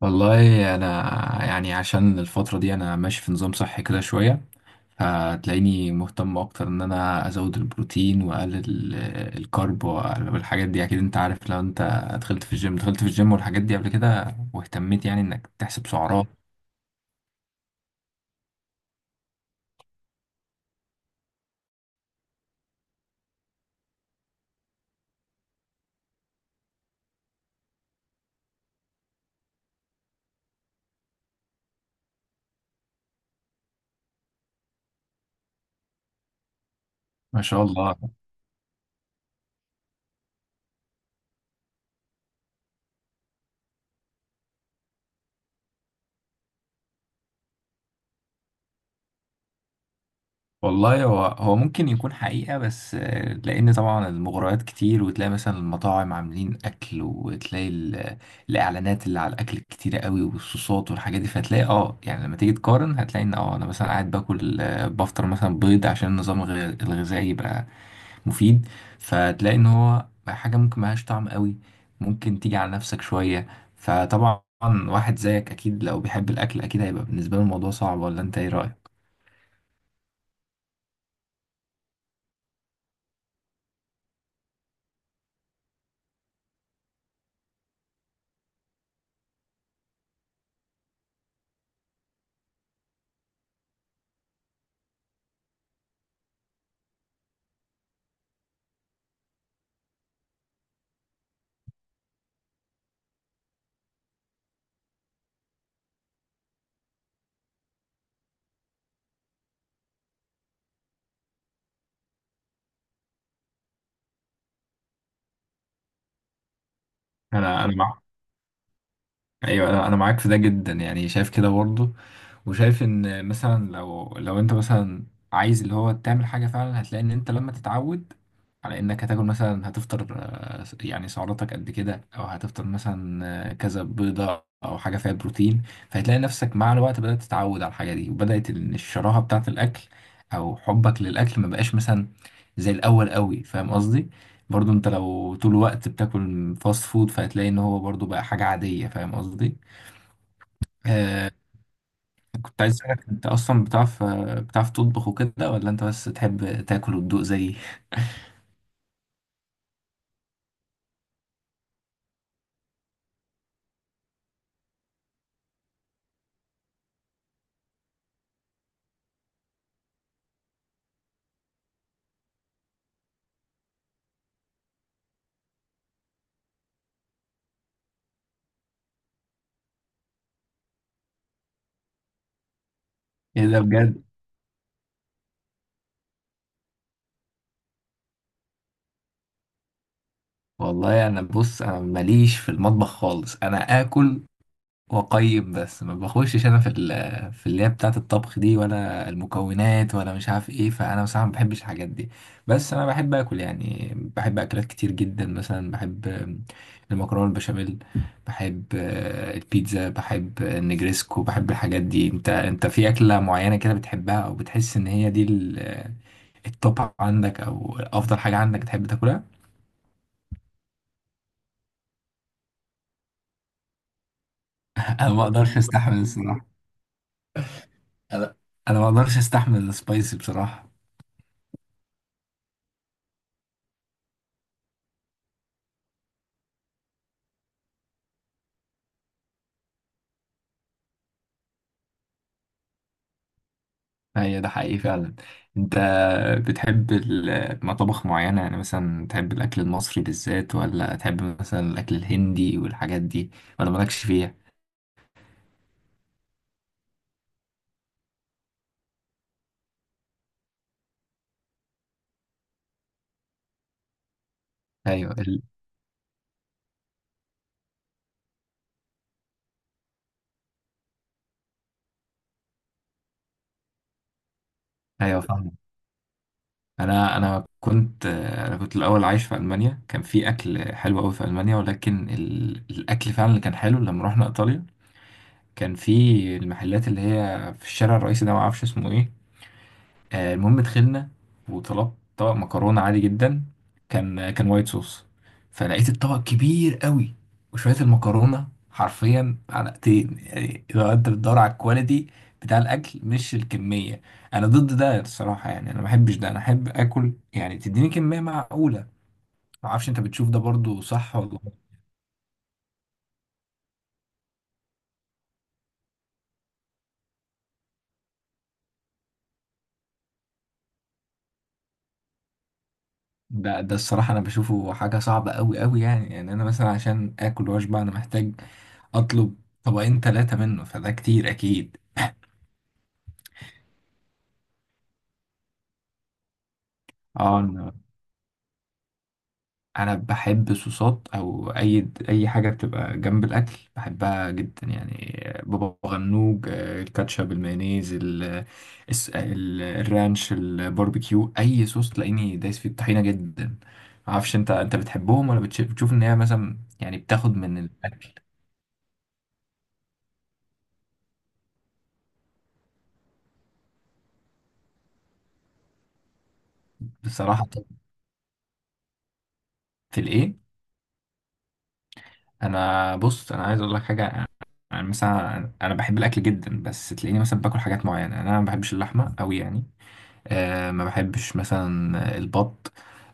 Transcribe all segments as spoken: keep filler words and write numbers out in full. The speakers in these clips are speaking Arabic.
والله انا يعني عشان الفتره دي انا ماشي في نظام صحي كده شويه، فتلاقيني مهتم اكتر ان انا ازود البروتين واقلل ال- الكارب والحاجات دي. اكيد انت عارف لو انت دخلت في الجيم دخلت في الجيم والحاجات دي قبل كده واهتميت، يعني انك تحسب سعرات. ايوه، ما شاء الله. والله هو هو ممكن يكون حقيقة، بس آه، لأن طبعا المغريات كتير، وتلاقي مثلا المطاعم عاملين أكل، وتلاقي ال- الإعلانات اللي على الأكل كتيرة قوي والصوصات والحاجات دي. فتلاقي اه يعني لما تيجي تقارن هتلاقي إن اه أنا مثلا قاعد باكل، آه، بفطر مثلا بيض عشان النظام الغ- الغذائي يبقى مفيد، فتلاقي إن هو حاجة ممكن ملهاش طعم قوي، ممكن تيجي على نفسك شوية. فطبعا واحد زيك أكيد لو بيحب الأكل أكيد هيبقى بالنسبة له الموضوع صعب، ولا أنت إيه رأيك؟ أنا أنا معاك. ايوه، انا أنا معاك في ده جدا، يعني شايف كده برضه. وشايف ان مثلا لو لو انت مثلا عايز اللي هو تعمل حاجه فعلا، هتلاقي ان انت لما تتعود على انك هتاكل مثلا، هتفطر آه، يعني سعراتك قد كده، او هتفطر مثلا آه، كذا بيضه او حاجه فيها بروتين، فهتلاقي نفسك مع الوقت بدات تتعود على الحاجه دي، وبدات إن الشراهه بتاعه الاكل او حبك للاكل ما بقاش مثلا زي الاول قوي. فاهم قصدي؟ برضو انت لو طول الوقت بتاكل فاست فود، فهتلاقي ان هو برضو بقى حاجة عادية. فاهم قصدي؟ آه كنت عايز اسألك، انت اصلا بتعرف آه، بتعرف تطبخ وكده، ولا انت بس تحب تاكل وتدوق زيي؟ ايه ده بجد. والله انا بص، انا ماليش في المطبخ خالص. انا اكل وقيم بس ما بخشش انا في ال- في اللي هي بتاعه الطبخ دي، ولا المكونات، ولا مش عارف ايه. فانا بصراحه ما بحبش الحاجات دي. بس انا بحب اكل، يعني بحب اكلات كتير جدا. مثلا بحب المكرونه البشاميل، بحب آه، البيتزا، بحب النجريسكو، بحب الحاجات دي. انت انت في اكله معينه كده بتحبها، او بتحس ان هي دي ال- التوب عندك، او افضل حاجه عندك تحب تاكلها؟ انا ما اقدرش استحمل الصراحه. انا انا ما اقدرش استحمل السبايسي بصراحه. هي ده حقيقي فعلا. انت بتحب ال- مطابخ معينة؟ يعني مثلا تحب الأكل المصري بالذات، ولا تحب مثلا الأكل الهندي والحاجات دي، ولا مالكش فيها؟ أيوة ال... أيوة فاهم. أنا أنا كنت أنا كنت الأول عايش في ألمانيا، كان في أكل حلو أوي في ألمانيا، ولكن ال... الأكل فعلا اللي كان حلو لما رحنا إيطاليا. كان في المحلات اللي هي في الشارع الرئيسي ده، معرفش اسمه إيه. آه، المهم دخلنا وطلبت طبق مكرونة عادي جدا، كان كان وايت صوص. فلقيت الطبق كبير قوي، وشوية المكرونة حرفيا علقتين. يعني لو انت بتدور على الكواليتي بتاع الاكل مش الكمية، انا ضد ده الصراحة، يعني انا ما بحبش ده. انا احب اكل يعني تديني كمية معقولة. ما اعرفش، انت بتشوف ده برضو صح ولا غلط؟ ده ده الصراحة انا بشوفه حاجة صعبة قوي قوي، يعني يعني انا مثلا عشان اكل واشبع انا محتاج اطلب طبقين ثلاثة منه، فده كتير اكيد. اه، انا أنا بحب صوصات او اي اي حاجه بتبقى جنب الاكل بحبها جدا، يعني بابا غنوج، آه، الكاتشب، المايونيز، ال- الس- ال- الرانش، الباربيكيو. اي صوص تلاقيني دايس في الطحينه جدا. معرفش، انت انت بتحبهم، ولا بتش- بتشوف ان هي مثلا يعني بتاخد من الاكل؟ بصراحه في الايه. انا بص، انا عايز اقول لك حاجه. يعني مثلا انا بحب الاكل جدا، بس تلاقيني مثلا باكل حاجات معينه. انا ما بحبش اللحمه قوي، يعني آه ما بحبش مثلا البط،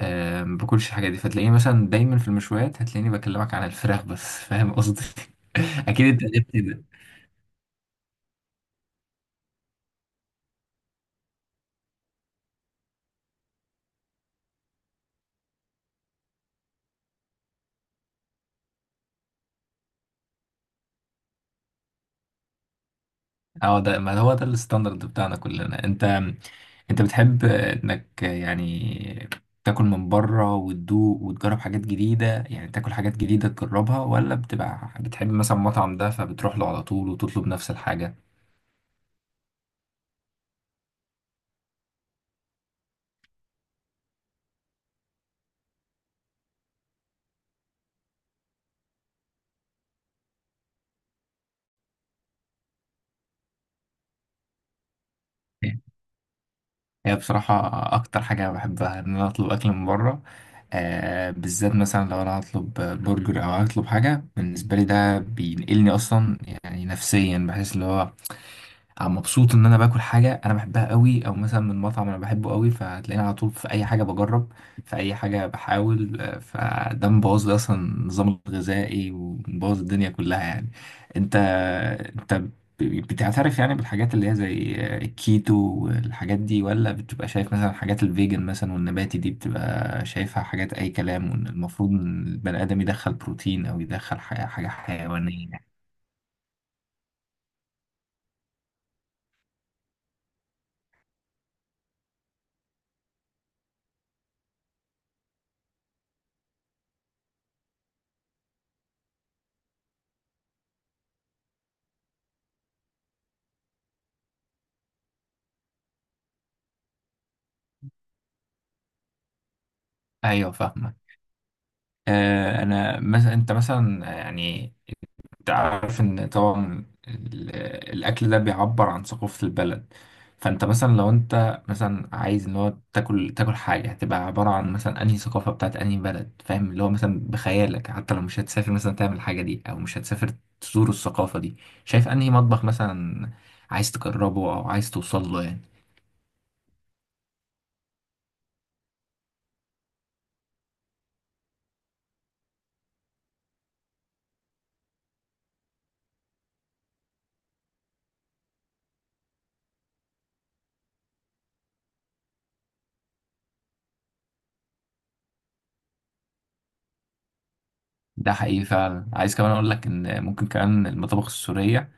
آه ما باكلش الحاجات دي. فتلاقيني مثلا دايما في المشويات هتلاقيني بكلمك عن الفراخ بس. فاهم قصدي؟ اكيد انت غير كده. اه، ده ما هو ده الستاندرد بتاعنا كلنا. انت انت بتحب انك يعني تاكل من بره وتدوق وتجرب حاجات جديدة، يعني تاكل حاجات جديدة تجربها، ولا بتبقى بتحب مثلا مطعم ده فبتروح له على طول وتطلب نفس الحاجة؟ هي بصراحة أكتر حاجة بحبها إن أنا أطلب أكل من بره، آه بالذات مثلا لو أنا هطلب برجر أو هطلب حاجة. بالنسبة لي ده بينقلني أصلا، يعني نفسيا بحس اللي هو مبسوط ان انا باكل حاجه انا بحبها قوي، او مثلا من مطعم انا بحبه قوي. فهتلاقيني على طول في اي حاجه بجرب، في اي حاجه بحاول، آه، فده مبوظ لي اصلا النظام الغذائي ومبوظ الدنيا كلها يعني. انت انت ب- بتعترف يعني بالحاجات اللي هي زي آه، الكيتو والحاجات دي، ولا بتبقى شايف مثلا حاجات الفيجن مثلا والنباتي دي بتبقى شايفها حاجات اي كلام، وان المفروض ان البني ادم يدخل بروتين او يدخل حاجه حاجة حيوانيه؟ ايوه فاهم. آه، انا مثلا انت مثلا يعني انت عارف ان طبعا ال- الاكل ده بيعبر عن ثقافة البلد. فانت مثلا لو انت مثلا عايز ان هو تاكل تاكل حاجة، هتبقى عبارة عن مثلا انهي ثقافة بتاعت انهي بلد. فاهم؟ اللي هو مثلا بخيالك، حتى لو مش هتسافر مثلا تعمل الحاجة دي، او مش هتسافر تزور الثقافة دي، شايف انهي مطبخ مثلا عايز تجربه او عايز توصل له يعني؟ ده حقيقي فعلا. عايز كمان اقول لك ان ممكن كمان المطابخ السورية،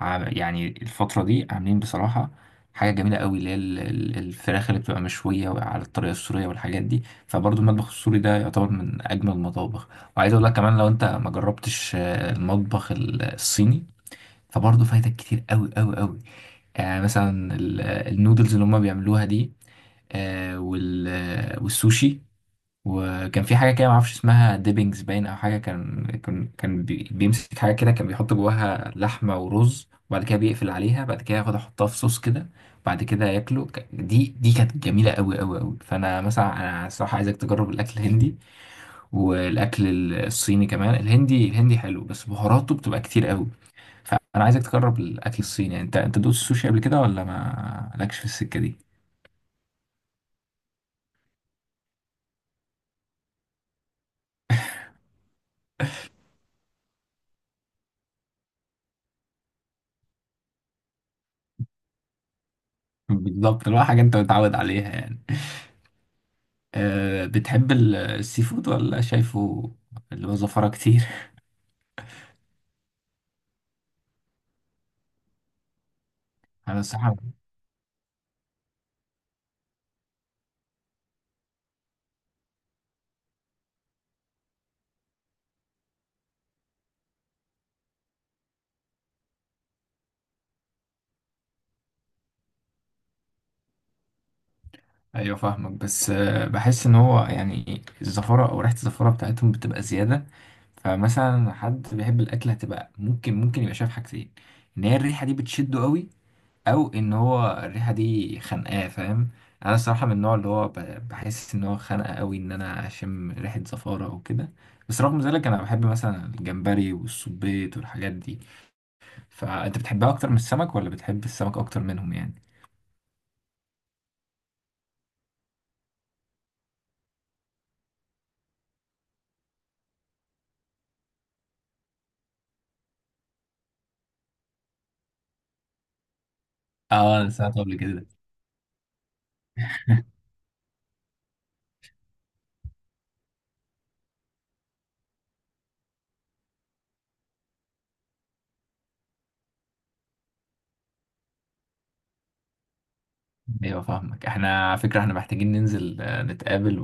عم- يعني الفترة دي عاملين بصراحة حاجة جميلة قوي، اللي هي ال- ال- الفراخ اللي بتبقى مشوية على الطريقة السورية والحاجات دي. فبرضو المطبخ السوري ده يعتبر من أجمل المطابخ. وعايز أقول لك كمان، لو أنت ما جربتش آه، المطبخ ال- الصيني، فبرضو فايتك كتير قوي قوي قوي. يعني مثلا ال- النودلز اللي هما بيعملوها دي، آه، وال- والسوشي. وكان في حاجه كده معرفش اسمها، ديبنجز باين او حاجه. كان كان كان بي- بيمسك حاجه كده، كان بيحط جواها لحمه ورز، وبعد كده بيقفل عليها، بعد كده ياخد احطها في صوص كده، بعد كده ياكله ك- دي دي كانت جميله قوي قوي قوي. فانا مثلا انا الصراحه عايزك تجرب الاكل الهندي والاكل ال- الصيني كمان. الهندي الهندي حلو بس بهاراته بتبقى كتير قوي، فانا عايزك تجرب الاكل الصيني. انت انت دوقت السوشي قبل كده، ولا ما لكش في السكه دي؟ بالظبط، اللي هو حاجه انت متعود عليها يعني. أه بتحب ال- السي فود، ولا شايفه اللي هو زفرة كتير؟ على الصحة. ايوه فاهمك، بس أه بحس ان هو يعني الزفرة او ريحة الزفرة بتاعتهم بتبقى زيادة. فمثلا حد بيحب الاكل هتبقى ممكن ممكن يبقى شايف حاجتين، ان هي الريحة دي بتشده قوي، او ان هو الريحة دي خانقاه. فاهم؟ انا الصراحة من النوع اللي هو ب- بحس ان هو خانقه قوي ان انا اشم ريحة زفارة او كده. بس رغم ذلك انا بحب مثلا الجمبري والسبيط والحاجات دي. فانت بتحبها اكتر من السمك، ولا بتحب السمك اكتر منهم يعني؟ اه، انا سمعت قبل كده. ايوه فاهمك، احنا على فكره احنا محتاجين ننزل آه، نتقابل،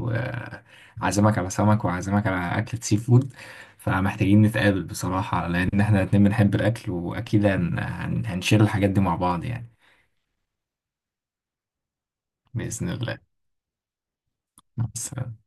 وعزمك على سمك، وعزمك على اكلة سي فود. فمحتاجين نتقابل بصراحه، لان احنا الاتنين بنحب الاكل، واكيد هن... هن... هنشير الحاجات دي مع بعض يعني. باذن الله. بس